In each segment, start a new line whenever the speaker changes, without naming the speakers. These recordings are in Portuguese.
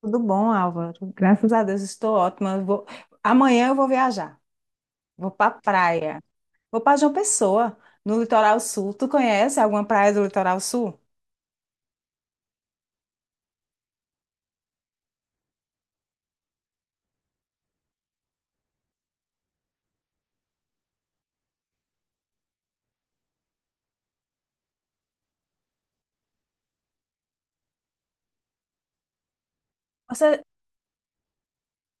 Tudo bom, Álvaro? Graças a Deus, estou ótima. Amanhã eu vou viajar. Vou para praia. Vou para João Pessoa, no litoral sul. Tu conhece alguma praia do litoral sul? Você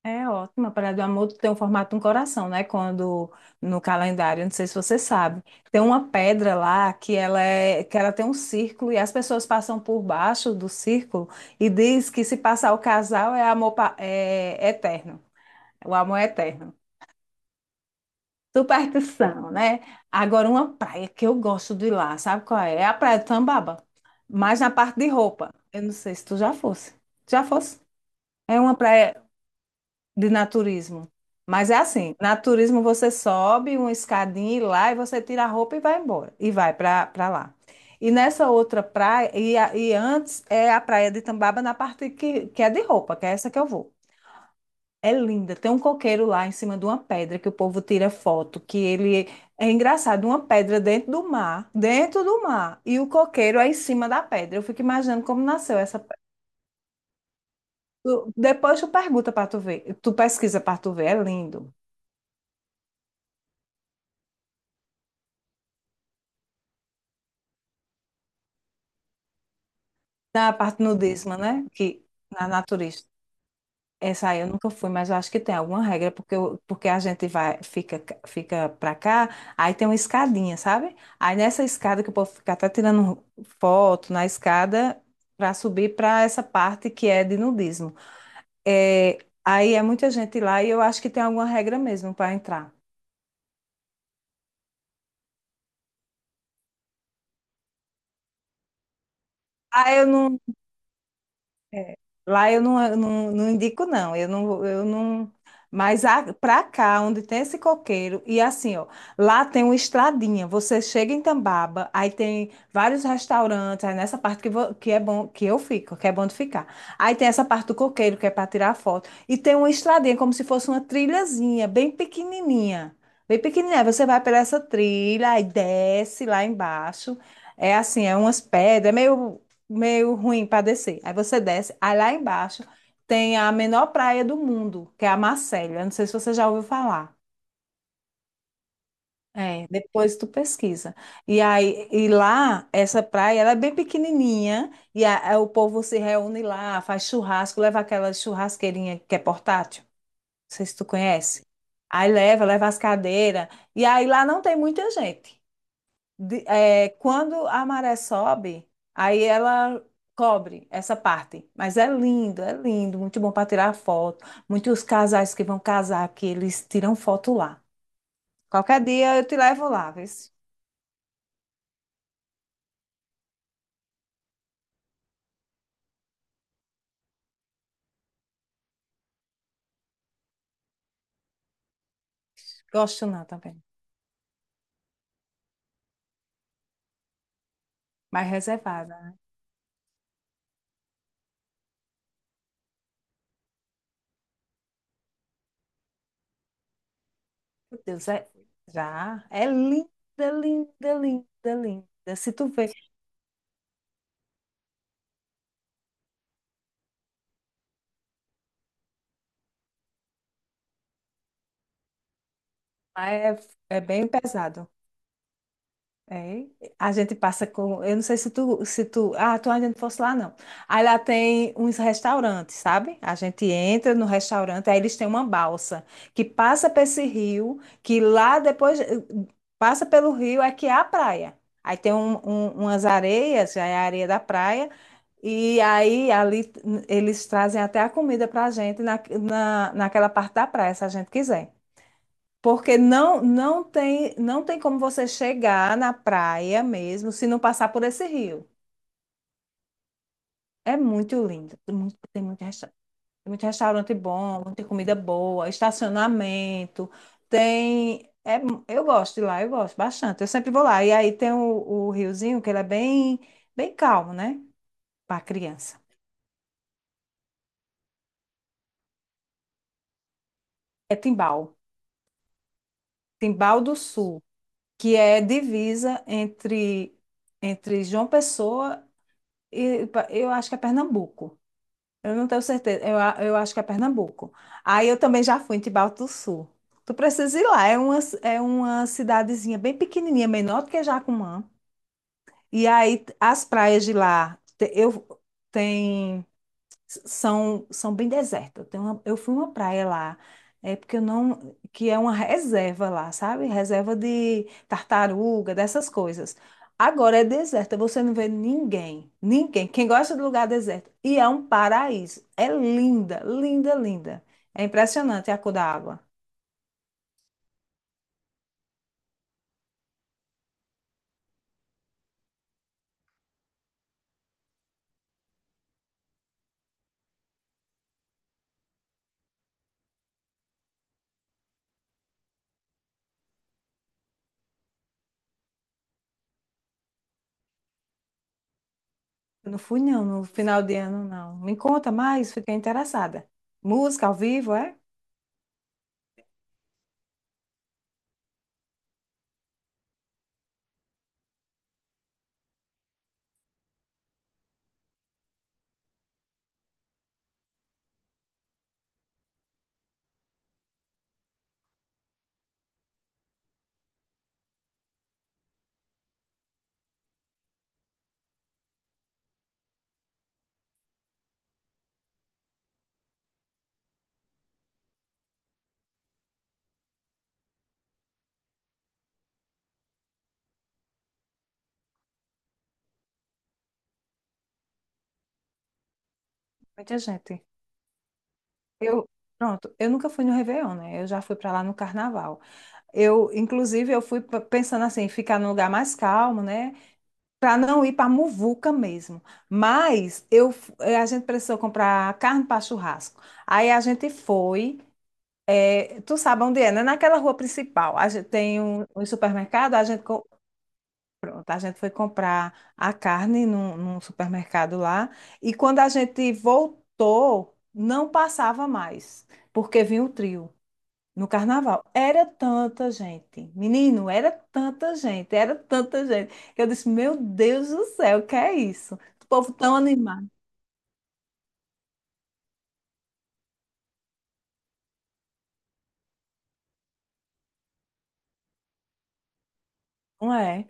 é ótima. A Praia do Amor tem o formato de um coração, né? Quando no calendário, não sei se você sabe, tem uma pedra lá que ela tem um círculo e as pessoas passam por baixo do círculo e diz que se passar o casal é amor pa- é é eterno. O amor é eterno. Superstição, né? Agora, uma praia que eu gosto de ir lá, sabe qual é? É a Praia do Tambaba, mas na parte de roupa. Eu não sei se tu já fosse. Já fosse? É uma praia de naturismo. Mas é assim, naturismo você sobe uma escadinha e lá e você tira a roupa e vai embora. E vai para lá. E nessa outra praia, antes é a praia de Tambaba na parte que é de roupa, que é essa que eu vou. É linda. Tem um coqueiro lá em cima de uma pedra que o povo tira foto, que ele é engraçado, uma pedra dentro do mar, e o coqueiro é em cima da pedra. Eu fico imaginando como nasceu essa pedra. Depois tu pergunta para tu ver, tu pesquisa para tu ver, é lindo. Na parte nudismo, né? Que na natureza. Essa aí eu nunca fui, mas eu acho que tem alguma regra, porque a gente vai, fica, fica pra cá, aí tem uma escadinha, sabe? Aí nessa escada que eu posso ficar até tirando foto na escada para subir para essa parte que é de nudismo. É, aí é muita gente lá e eu acho que tem alguma regra mesmo para entrar. Ah, eu não. É, lá eu não, não indico, não. Eu não, eu não. Pra cá, onde tem esse coqueiro, e assim, ó, lá tem uma estradinha. Você chega em Tambaba, aí tem vários restaurantes, aí nessa parte que é bom, que eu fico, que é bom de ficar. Aí tem essa parte do coqueiro, que é para tirar foto. E tem uma estradinha, como se fosse uma trilhazinha, bem pequenininha. Bem pequenininha. Você vai pela essa trilha, aí desce lá embaixo. É assim, é umas pedras, é meio ruim para descer. Aí você desce, aí lá embaixo tem a menor praia do mundo, que é a Marcélia. Eu não sei se você já ouviu falar. É. Depois tu pesquisa. E aí, e lá, essa praia, ela é bem pequenininha, e o povo se reúne lá, faz churrasco, leva aquela churrasqueirinha que é portátil, não sei se tu conhece. Aí leva, leva as cadeiras, e aí lá não tem muita gente. É, quando a maré sobe, aí ela cobre essa parte. Mas é lindo, muito bom para tirar foto. Muitos casais que vão casar aqui, eles tiram foto lá. Qualquer dia eu te levo lá, vê. Gosto não também. Mais reservada. Meu Deus, é, já é linda, linda, linda, linda. Se tu vê, lá é, é bem pesado. É, a gente passa com, eu não sei se tu, ah, tu ainda não fosse lá não. Aí lá tem uns restaurantes, sabe? A gente entra no restaurante, aí eles têm uma balsa que passa para esse rio, que lá depois passa pelo rio é que é a praia. Aí tem umas areias, já é a areia da praia, e aí ali eles trazem até a comida para a gente naquela parte da praia, se a gente quiser. Porque não, não tem como você chegar na praia mesmo se não passar por esse rio. É muito lindo. Tem muito, tem muito restaurante bom, muita comida boa, estacionamento. Tem. Eu gosto de lá, eu gosto bastante. Eu sempre vou lá. E aí tem o riozinho, que ele é bem, bem calmo, né? Para criança. É Timbal. Timbal do Sul, que é divisa entre, entre João Pessoa eu acho que é Pernambuco. Eu não tenho certeza. Eu acho que é Pernambuco. Aí eu também já fui em Timbal do Sul. Tu precisa ir lá. É uma cidadezinha bem pequenininha, menor do que Jacumã. As praias de lá, tem são, são bem desertas. Eu fui uma praia lá, é porque eu não, que é uma reserva lá, sabe? Reserva de tartaruga, dessas coisas. Agora é deserta, você não vê ninguém, ninguém. Quem gosta de lugar deserto. E é um paraíso. É linda, linda, linda. É impressionante a cor da água. Eu não fui, não, no final de ano, não. Me conta mais, fiquei interessada. Música ao vivo, é? Muita gente. Eu, Pronto, eu nunca fui no Réveillon, né? Eu já fui para lá no Carnaval. Eu, inclusive, pensando assim, ficar num lugar mais calmo, né? Para não ir para muvuca mesmo. A gente precisou comprar carne para churrasco. Aí a gente foi, tu sabe onde é, né? Naquela rua principal. A gente tem um supermercado, pronto, a gente foi comprar a carne num supermercado lá. E quando a gente voltou, não passava mais, porque vinha o trio. No carnaval. Era tanta gente. Menino, era tanta gente, era tanta gente. Que eu disse, meu Deus do céu, o que é isso? O povo tão animado. Não é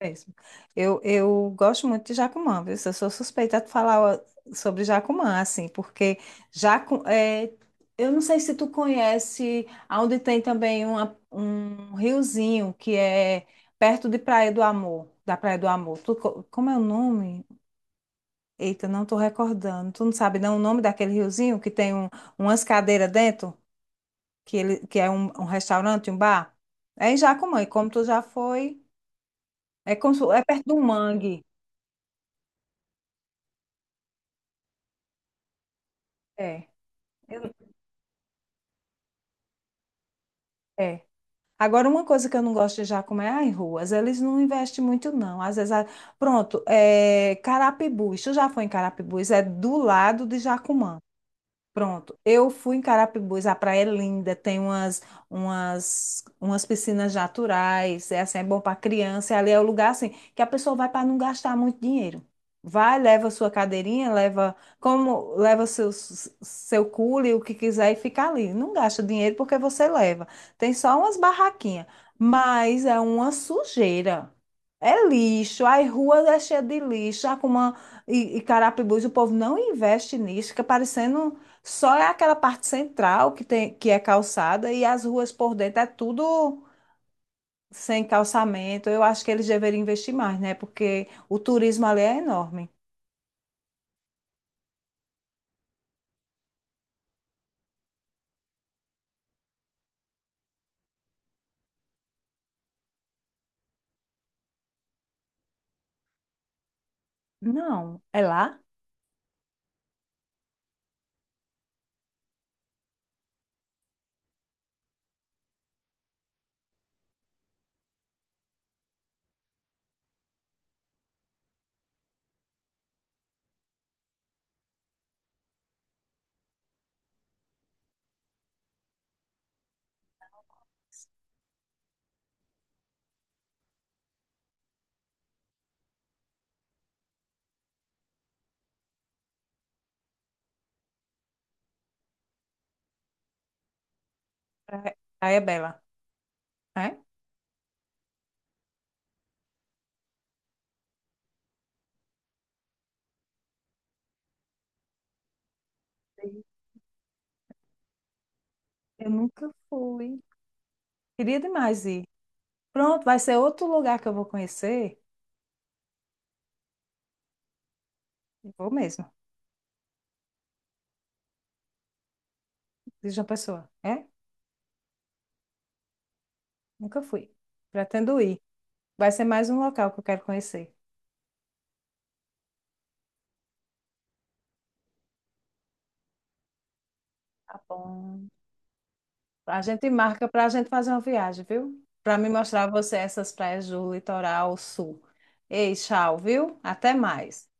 é mesmo. Eu gosto muito de Jacumã, viu? Eu sou suspeita de falar ó, sobre Jacumã, assim, porque é, eu não sei se tu conhece, onde tem também um riozinho que é perto de Praia do Amor, da Praia do Amor. Como é o nome? Eita, não tô recordando. Tu não sabe não o nome daquele riozinho que tem umas cadeiras dentro, que é um restaurante, um bar? É em Jacumã, e como tu já foi, é como se- é perto do mangue. É. eu- É. Agora, uma coisa que eu não gosto de Jacumã é as ruas. Eles não investem muito, não. Pronto, é Carapibus. Tu já foi em Carapibus? É do lado de Jacumã. Pronto, eu fui em Carapibus, a praia é linda, tem umas piscinas naturais, é assim, é bom para criança, e ali é o lugar assim que a pessoa vai para não gastar muito dinheiro. Vai, leva sua cadeirinha, leva como leva seu cule, o que quiser e fica ali. Não gasta dinheiro porque você leva. Tem só umas barraquinhas, mas é uma sujeira. É lixo, as ruas é cheia de lixo, a Cuma e Carapibus, o povo não investe nisso, fica parecendo só é aquela parte central que tem, que é calçada e as ruas por dentro é tudo sem calçamento. Eu acho que eles deveriam investir mais, né? Porque o turismo ali é enorme. Não, é lá? É- Aí é Bela, é? Eu nunca fui. Queria demais ir. Pronto, vai ser outro lugar que eu vou conhecer. Vou mesmo, diz uma pessoa. É? Nunca fui. Pretendo ir. Vai ser mais um local que eu quero conhecer. Tá bom. A gente marca para a gente fazer uma viagem, viu? Para me mostrar a você essas praias do litoral sul. Ei, tchau, viu? Até mais.